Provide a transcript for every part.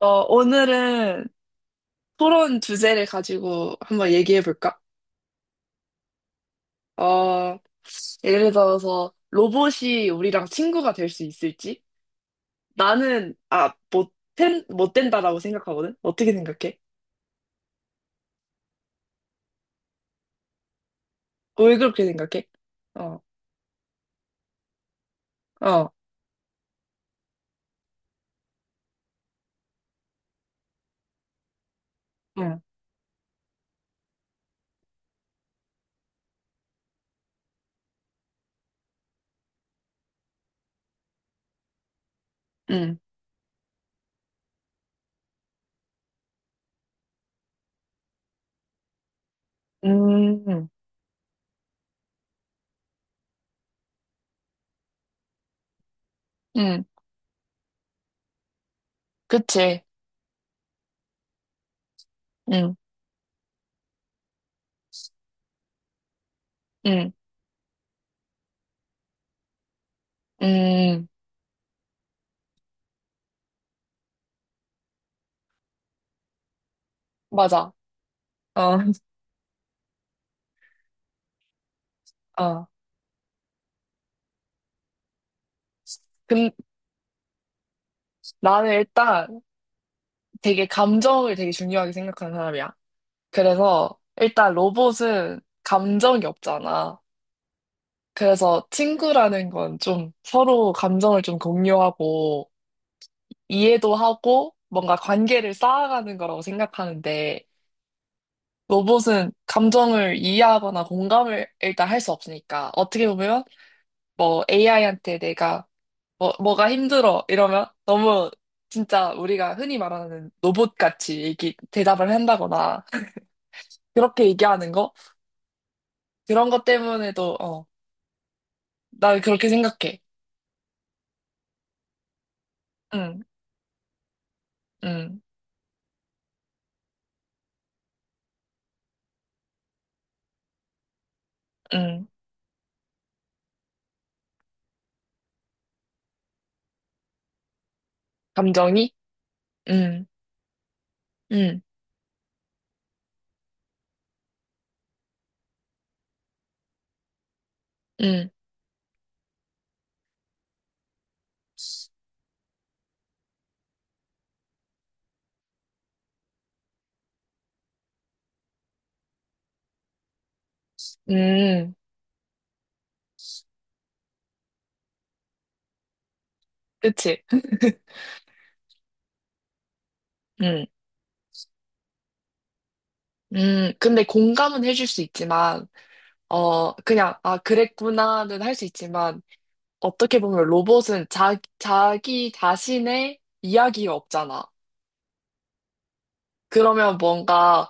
오늘은 토론 주제를 가지고 한번 얘기해 볼까? 어, 예를 들어서 로봇이 우리랑 친구가 될 수 있을지? 나는, 못 된다라고 생각하거든? 어떻게 생각해? 왜 그렇게 생각해? 어, 어, 응, 응, 음, 응, 그치, 응, 응, 응, 맞아. 어, 어. 근 나는 일단 되게 감정을 되게 중요하게 생각하는 사람이야. 그래서 일단 로봇은 감정이 없잖아. 그래서 친구라는 건 좀 서로 감정을 좀 공유하고 이해도 하고 뭔가 관계를 쌓아가는 거라고 생각하는데, 로봇은 감정을 이해하거나 공감을 일단 할 수 없으니까. 어떻게 보면 뭐 AI한테 내가 뭐가 힘들어 이러면 너무, 진짜 우리가 흔히 말하는 로봇같이 대답을 한다거나 그렇게 얘기하는 거? 그런 것 때문에도. 나 그렇게 생각해. 응, 응, 응. 감정이? 응, 응, 응, 응. 그치? 응, 응. 근데 공감은 해줄 수 있지만, 그냥, 아, 그랬구나는 할 수 있지만, 어떻게 보면 로봇은 자기 자신의 이야기가 없잖아. 그러면 뭔가,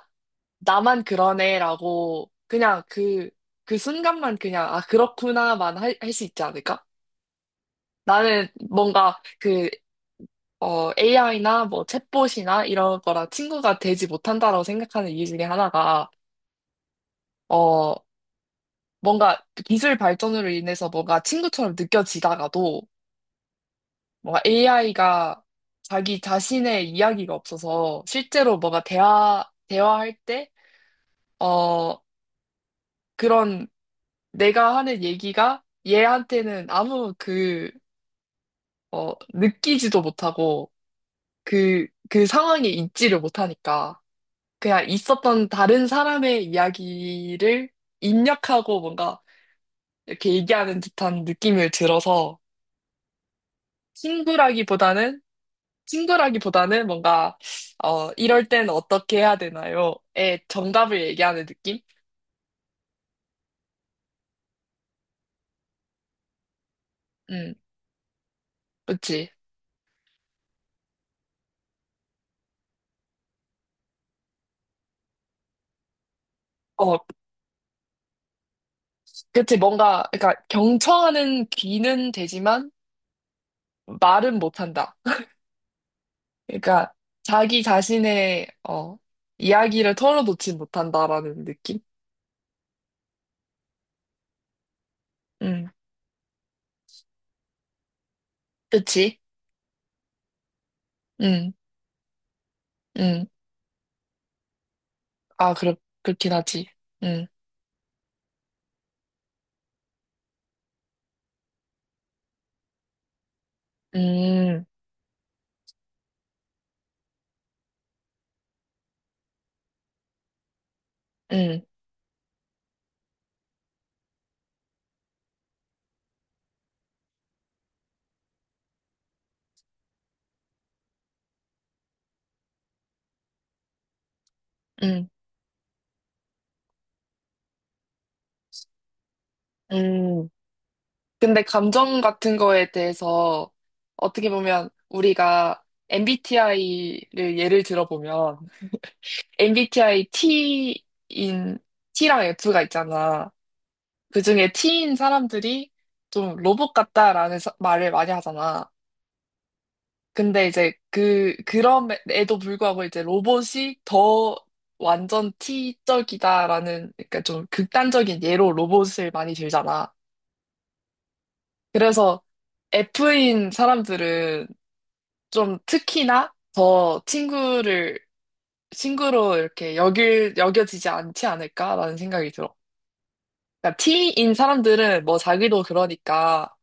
나만 그러네라고, 그냥 그 순간만 그냥, 아, 그렇구나만 할 수 있지 않을까? 나는 뭔가, AI나 뭐 챗봇이나 이런 거랑 친구가 되지 못한다라고 생각하는 이유 중에 하나가, 어, 뭔가 기술 발전으로 인해서 뭔가 친구처럼 느껴지다가도, 뭔가 AI가 자기 자신의 이야기가 없어서 실제로 뭔가 대화할 때, 어, 그런, 내가 하는 얘기가 얘한테는 아무 느끼지도 못하고 그 상황에 있지를 못하니까. 그냥 있었던 다른 사람의 이야기를 입력하고 뭔가 이렇게 얘기하는 듯한 느낌을 들어서. 친구라기보다는 친구라기보다는 뭔가 이럴 땐 어떻게 해야 되나요? 의 정답을 얘기하는 느낌? 음, 그치. 어, 그치. 뭔가 그러니까 경청하는 귀는 되지만 말은 못한다. 그러니까 자기 자신의 이야기를 털어놓지 못한다라는 느낌? 음, 그치. 음. 음. 아, 그렇긴 하지. 응, 음, 응, 응, 응. 근데 감정 같은 거에 대해서 어떻게 보면 우리가 MBTI를 예를 들어보면 MBTI T랑 F가 있잖아. 그중에 T인 사람들이 좀 로봇 같다라는 말을 많이 하잖아. 근데 이제 그럼에도 불구하고 이제 로봇이 더 완전 T적이다라는, 그러니까 좀 극단적인 예로 로봇을 많이 들잖아. 그래서 F인 사람들은 좀 특히나 더 친구로 이렇게 여겨지지 않지 않을까라는 생각이 들어. 그러니까 T인 사람들은 뭐 자기도 그러니까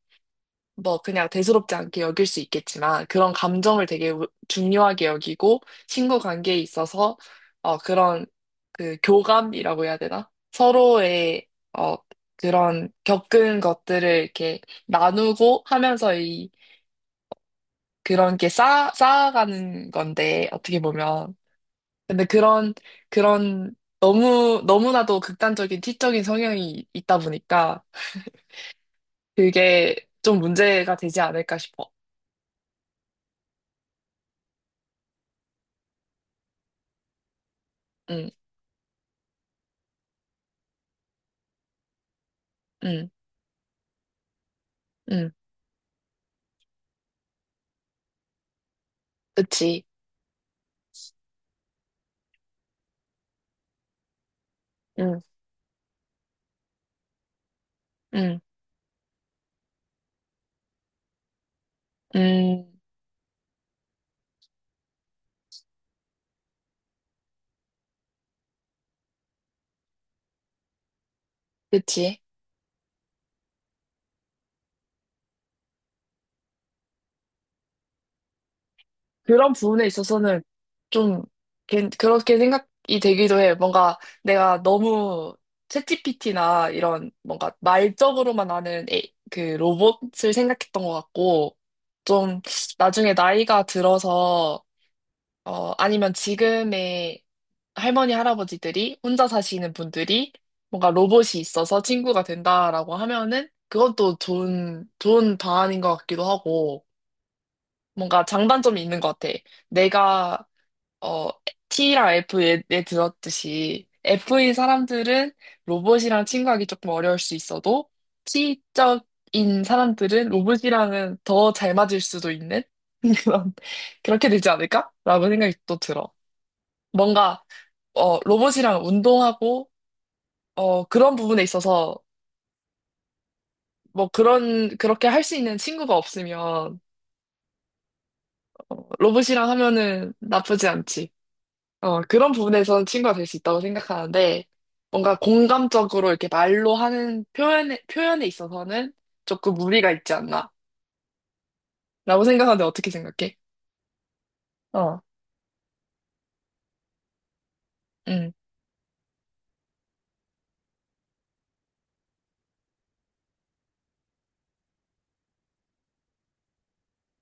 뭐 그냥 대수롭지 않게 여길 수 있겠지만, 그런 감정을 되게 중요하게 여기고 친구 관계에 있어서 그런 교감이라고 해야 되나? 서로의 어 그런 겪은 것들을 이렇게 나누고 하면서 이 그런 게 쌓아가는 건데, 어떻게 보면, 근데 그런, 그런 너무 너무나도 극단적인 티적인 성향이 있다 보니까 그게 좀 문제가 되지 않을까 싶어. 응, 응, 응. 그치. 응, 응, 음, 그치. 그런 부분에 있어서는 좀, 그렇게 생각이 되기도 해. 뭔가 내가 너무 챗GPT나 이런 뭔가 말적으로만 아는 그 로봇을 생각했던 것 같고, 좀 나중에 나이가 들어서, 아니면 지금의 할머니, 할아버지들이 혼자 사시는 분들이 뭔가 로봇이 있어서 친구가 된다라고 하면은, 그건 또 좋은 방안인 것 같기도 하고. 뭔가 장단점이 있는 것 같아. 내가, 어, T랑 F에 들었듯이 F인 사람들은 로봇이랑 친구하기 조금 어려울 수 있어도, T적인 사람들은 로봇이랑은 더 잘 맞을 수도 있는, 그런, 그렇게 되지 않을까라고 생각이 또 들어. 뭔가 로봇이랑 운동하고, 그런 부분에 있어서, 뭐 그렇게 할 수 있는 친구가 없으면, 로봇이랑 하면은 나쁘지 않지. 그런 부분에서는 친구가 될 수 있다고 생각하는데, 뭔가 공감적으로 이렇게 말로 하는 표현에 있어서는 조금 무리가 있지 않나, 라고 생각하는데 어떻게 생각해? 어, 응,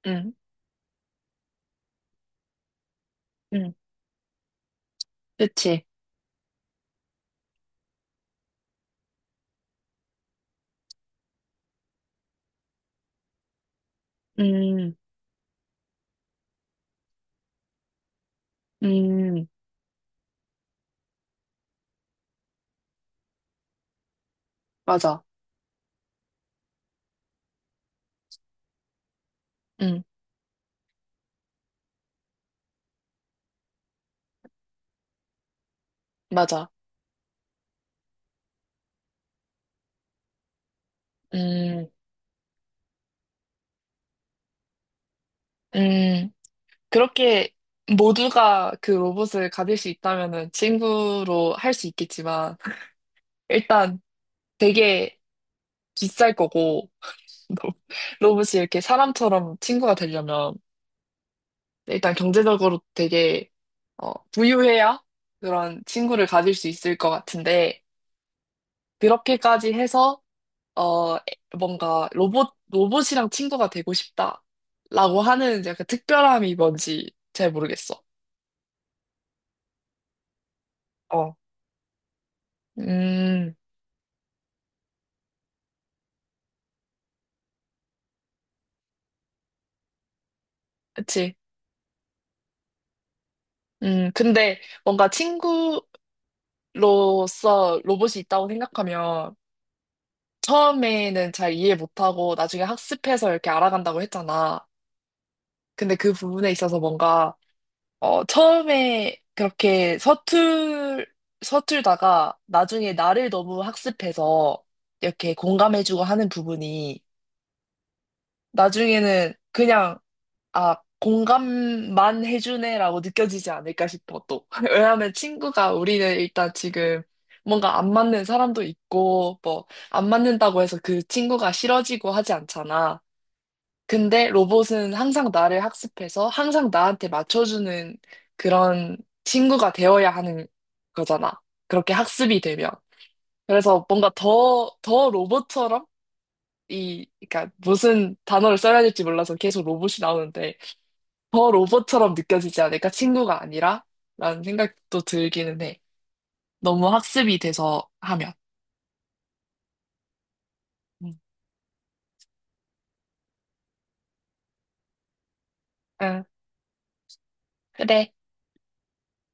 응, 응, 그치. 음, 음, 맞아. 응, 맞아. 음, 음. 그렇게 모두가 그 로봇을 가질 수 있다면은 친구로 할 수 있겠지만, 일단 되게 비쌀 거고, 로- 로봇이 이렇게 사람처럼 친구가 되려면, 일단 경제적으로 되게, 부유해야 그런 친구를 가질 수 있을 것 같은데, 그렇게까지 해서, 어, 뭔가 로봇이랑 친구가 되고 싶다, 라고 하는 약간 특별함이 뭔지 잘 모르겠어. 어. 음, 그치. 근데 뭔가 친구로서 로봇이 있다고 생각하면, 처음에는 잘 이해 못하고 나중에 학습해서 이렇게 알아간다고 했잖아. 근데 그 부분에 있어서 뭔가, 처음에 그렇게 서툴다가 나중에 나를 너무 학습해서 이렇게 공감해주고 하는 부분이 나중에는 그냥, 아, 공감만 해주네라고 느껴지지 않을까 싶어, 또. 왜냐하면 친구가, 우리는 일단 지금 뭔가 안 맞는 사람도 있고, 뭐, 안 맞는다고 해서 그 친구가 싫어지고 하지 않잖아. 근데 로봇은 항상 나를 학습해서 항상 나한테 맞춰주는 그런 친구가 되어야 하는 거잖아, 그렇게 학습이 되면. 그래서 뭔가 더 로봇처럼, 이, 그러니까 무슨 단어를 써야 될지 몰라서 계속 로봇이 나오는데, 더 로봇처럼 느껴지지 않을까? 친구가 아니라? 라는 생각도 들기는 해. 너무 학습이 돼서 하면. 응, 응, 그래.